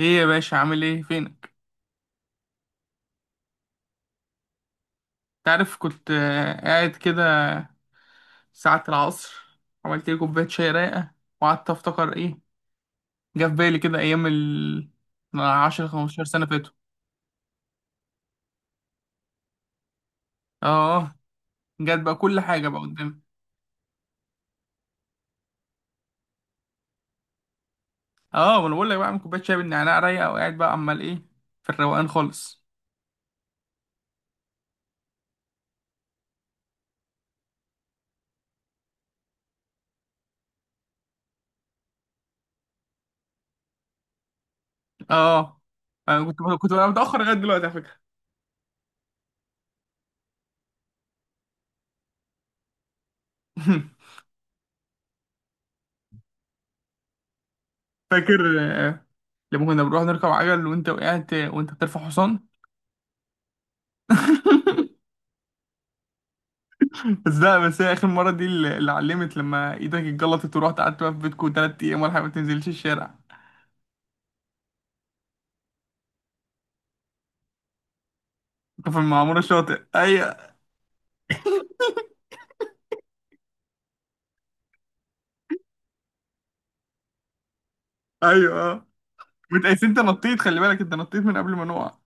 ايه يا باشا، عامل ايه؟ فينك؟ تعرف كنت قاعد كده ساعة العصر. عملت لي كوباية شاي رايقة، وقعدت افتكر ايه. جه في بالي كده ايام ال 10 15 سنة فاتوا. اه، جت بقى كل حاجة بقى قدامي. اه، وانا بقول لك بقى اعمل كوباية شاي بالنعناع رايقة وقاعد بقى عمال ايه في الروقان خالص. اه، انا كنت بقى متأخر لغاية دلوقتي على فكرة. فاكر آه، لما كنا بنروح نركب عجل وانت وقعت وانت بترفع حصان؟ بس لا، بس هي اخر مره دي اللي علمت لما ايدك اتجلطت ورحت قعدت بقى في بيتكم 3 ايام ولا حاجه ما تنزلش الشارع. انت في المعموره الشاطئ، ايوه، ايوه. اه، متقايس انت نطيت، خلي بالك انت نطيت من قبل ما نقع.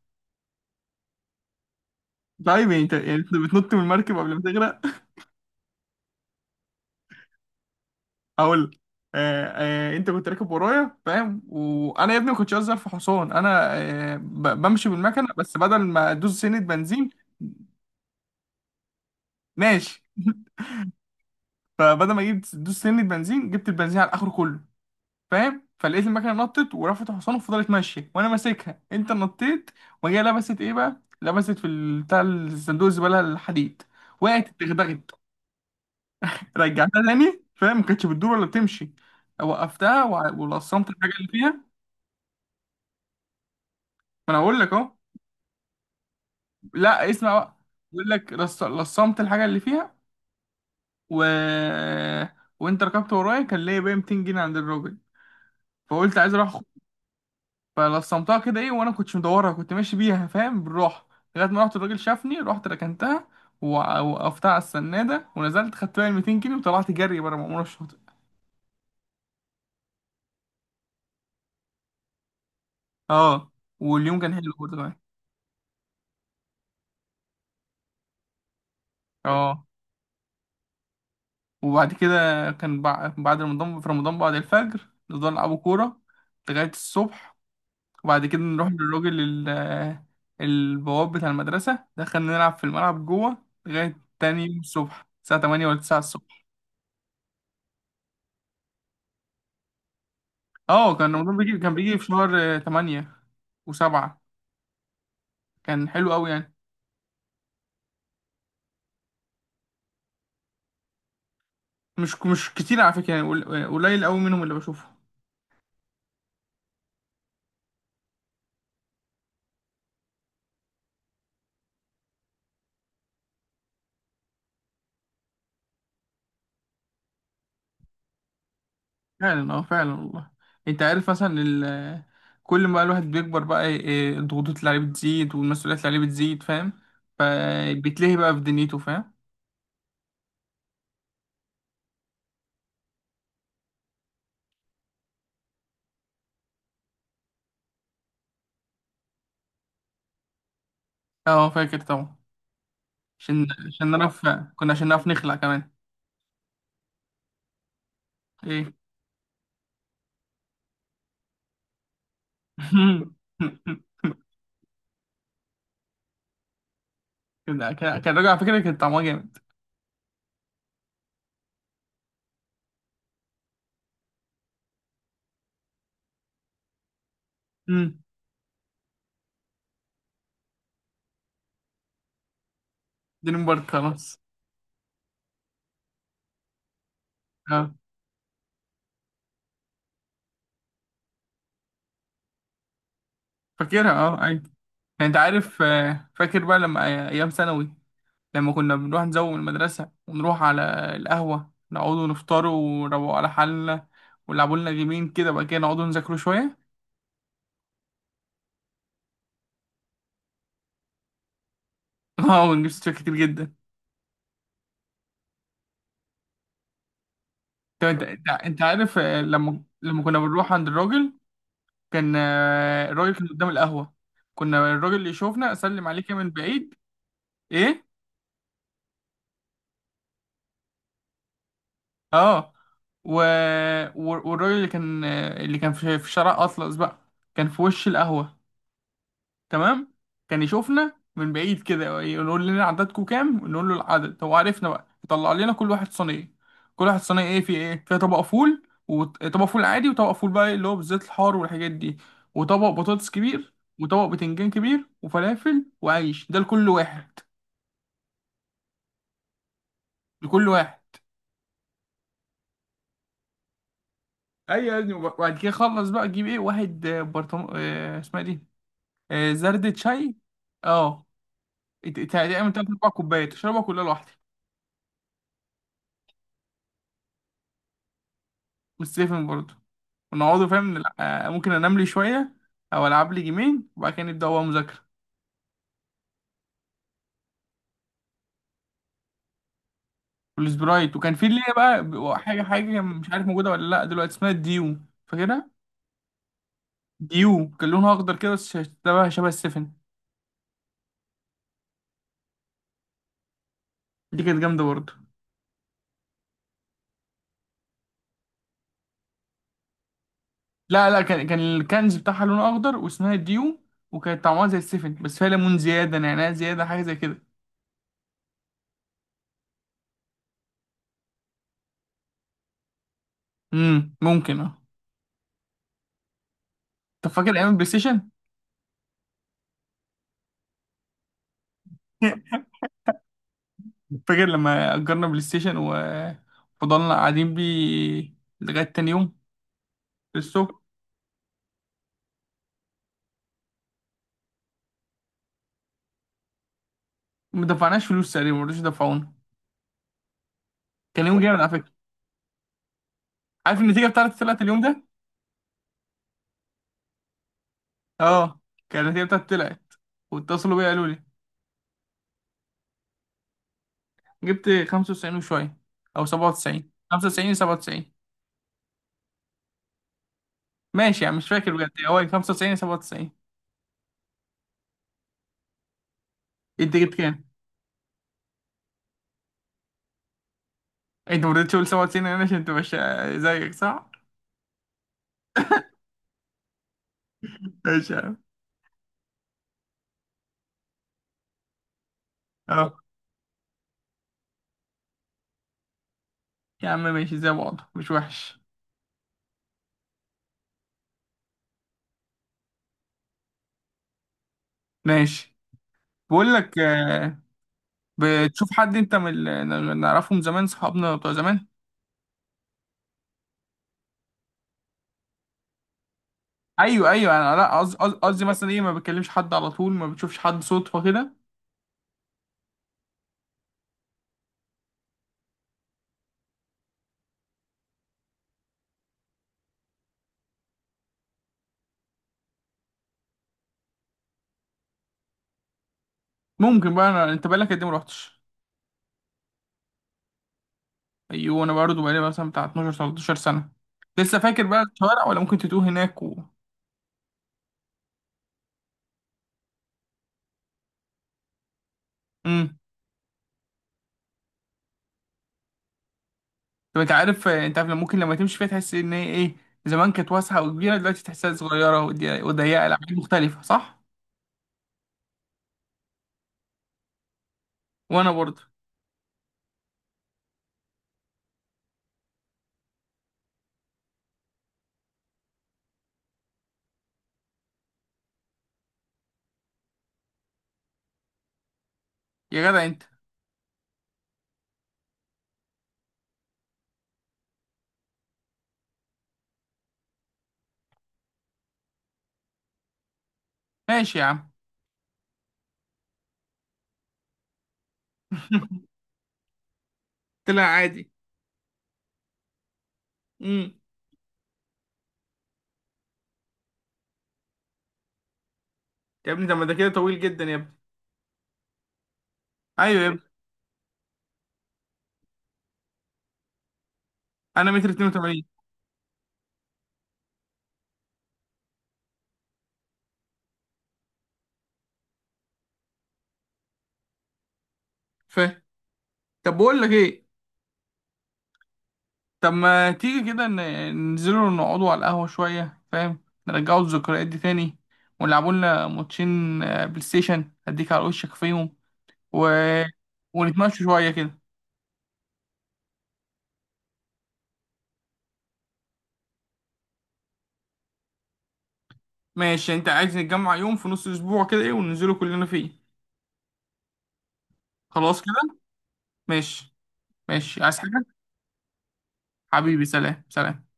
طيب، يعني انت يعني انت بتنط من المركب قبل ما تغرق. اقول لك. آه. آه انت كنت راكب ورايا فاهم، وانا يا ابني ما كنتش اظهر في حصان انا. آه بمشي بالمكنه، بس بدل ما ادوس سنه بنزين. ماشي. فبدل ما اجيب دوس سنه بنزين جبت البنزين على اخره كله، فاهم. فلقيت المكنه نطت ورفعت حصان وفضلت ماشيه وانا ماسكها، انت نطيت. وهي لبست ايه بقى، لبست في بتاع الصندوق الزباله الحديد. وقعت اتدغدغت. رجعتها تاني فاهم، ما كانتش بتدور ولا بتمشي. وقفتها ولصمت الحاجه اللي فيها. ما انا اقول لك اهو. لا، اسمع بقى. بقول لك لصمت الحاجه اللي فيها. و... وانت ركبت ورايا، كان ليا بقى 200 جنيه عند الراجل. فقلت عايز اروح. فلصمتها كده ايه، وانا كنتش مدورها، كنت ماشي بيها فاهم بالراحه. لغايه ما رحت الراجل شافني، رحت ركنتها وقفتها على السناده ونزلت، خدت بقى ال 200 جنيه وطلعت جري بره مأمورة الشاطئ. اه، واليوم كان حلو برضه كمان. اه، وبعد كده كان بعد رمضان، في رمضان بعد الفجر نفضل نلعبوا كوره لغايه الصبح. وبعد كده نروح للراجل البواب بتاع المدرسه، دخلنا نلعب في الملعب جوه لغايه تاني يوم الصبح الساعه 8 ولا 9. اه، كان رمضان بيجي، كان بيجي في شهر 8 وسبعة. كان حلو قوي يعني. مش كتير على فكرة، يعني قليل قوي منهم اللي بشوفه. فعلا، اه، فعلا والله. انت عارف مثلا كل ما الواحد بيكبر بقى الضغوطات اللي عليه بتزيد والمسؤوليات اللي عليه بتزيد فاهم، فبيتلهي بقى في دنيته فاهم. اه، فاكر طبعا. عشان نعرف، كنا عشان نعرف نخلع كمان. ايه. كان كان كان الراجل على فكرة كان طعمها جامد. امم دي مبارك خلاص. اه، فاكرها، اه، ايوه. يعني انت عارف فاكر بقى لما ايام ثانوي، لما كنا بنروح نزوم من المدرسه ونروح على القهوه نقعدوا نفطروا، ونروقوا على حالنا، ونلعبوا لنا جيمين كده، بقى كده نقعدوا نذاكروا شويه. اه، ونجيب ستات كتير جدا. طب انت عارف لما كنا بنروح عند الراجل، كان الراجل كان قدام القهوه، كنا الراجل اللي يشوفنا اسلم عليك يا من بعيد. ايه. اه. و... والراجل اللي كان اللي كان في شارع اطلس بقى كان في وش القهوه. تمام. كان يشوفنا من بعيد كده، يقول لنا عددكم كام، نقول له العدد هو عرفنا بقى، يطلع لنا كل واحد صينيه. كل واحد صينيه ايه، في ايه فيها؟ طبق فول، وطبق فول عادي، وطبق فول بقى اللي هو بالزيت الحار والحاجات دي، وطبق بطاطس كبير، وطبق بتنجان كبير، وفلافل، وعيش، ده لكل واحد. لكل واحد. ايوه يا ابني، وبعد كده خلص بقى تجيب ايه، واحد برطمان اسمها إيه دي، زردة شاي. اه، تقريبا تلات اربع كوبايات تشربها كلها لوحدك. والسيفن برضه. ونقعدوا فاهم ممكن انام لي شويه، او العب لي جيمين وبعد كده نبدا هو مذاكره. والسبرايت. وكان في اللي هي بقى حاجه حاجه مش عارف موجوده ولا لا دلوقتي اسمها الديو. فاكرها. ديو كان لونها اخضر كده، بس شبه السفن. دي كانت جامده برضه. لا لا، كان الكنز بتاعها لونه اخضر واسمها ديو. وكانت طعمها زي السفن، بس فيها ليمون زياده نعناع زياده حاجه زي كده. ممكن، اه. طب فاكر ايام البلاي ستيشن؟ فاكر لما اجرنا بلاي ستيشن وفضلنا قاعدين بيه لغايه تاني يوم السوق. ما دفعناش فلوس تقريبا، ما رضوش يدفعونا. كان يوم والله جامد على فكره. عارف النتيجه بتاعتي طلعت اليوم ده. اه، كان النتيجه بتاعتي طلعت، واتصلوا بيا، قالوا لي جبت 95 وشويه، او 97 95 97. ماشي يعني، مش فاكر بجد هو 95 97. انت جبت كام؟ انت ما رضيتش تقول 97 انا عشان انت مش زيك، صح؟ ماشي يا عم. اه يا عم ماشي، زي بعض مش وحش. ماشي. بقول لك بتشوف حد انت من اللي نعرفه من زمان، صحابنا بتوع زمان؟ ايوه، ايوه، انا لا، قصدي مثلا ايه، ما بتكلمش حد على طول، ما بتشوفش حد صدفه كده. ممكن بقى أنا... انت بقالك قد ايه ما رحتش؟ ايوه، انا برضه بقالي مثلا بتاع 12 13 سنه. لسه فاكر بقى الشوارع، ولا ممكن تتوه هناك و... امم. طب انت عارف لما ممكن لما تمشي فيها تحس ان هي ايه، زمان كانت واسعه وكبيره، دلوقتي تحسها صغيره وضيقه، العاب مختلفه، صح؟ وانا برضه. يا جدع انت. ماشي يا عم. طلع عادي. امم. يا ابني طب ما ده كده طويل جدا يا ابني. ايوه يا ابني. انا متر 82، فاهم؟ طب بقول لك ايه. طب ما تيجي كده ننزلوا نقعدوا على القهوة شوية فاهم، نرجعوا الذكريات دي تاني، ونلعبوا لنا ماتشين بلاي ستيشن أديك على وشك فيهم، و... ونتمشوا شوية كده. ماشي أنت عايز نتجمع يوم في نص الأسبوع كده إيه، وننزلوا كلنا فيه. خلاص كده. ماشي. ماشي، عايز حاجة؟ حبيبي سلام، سلام.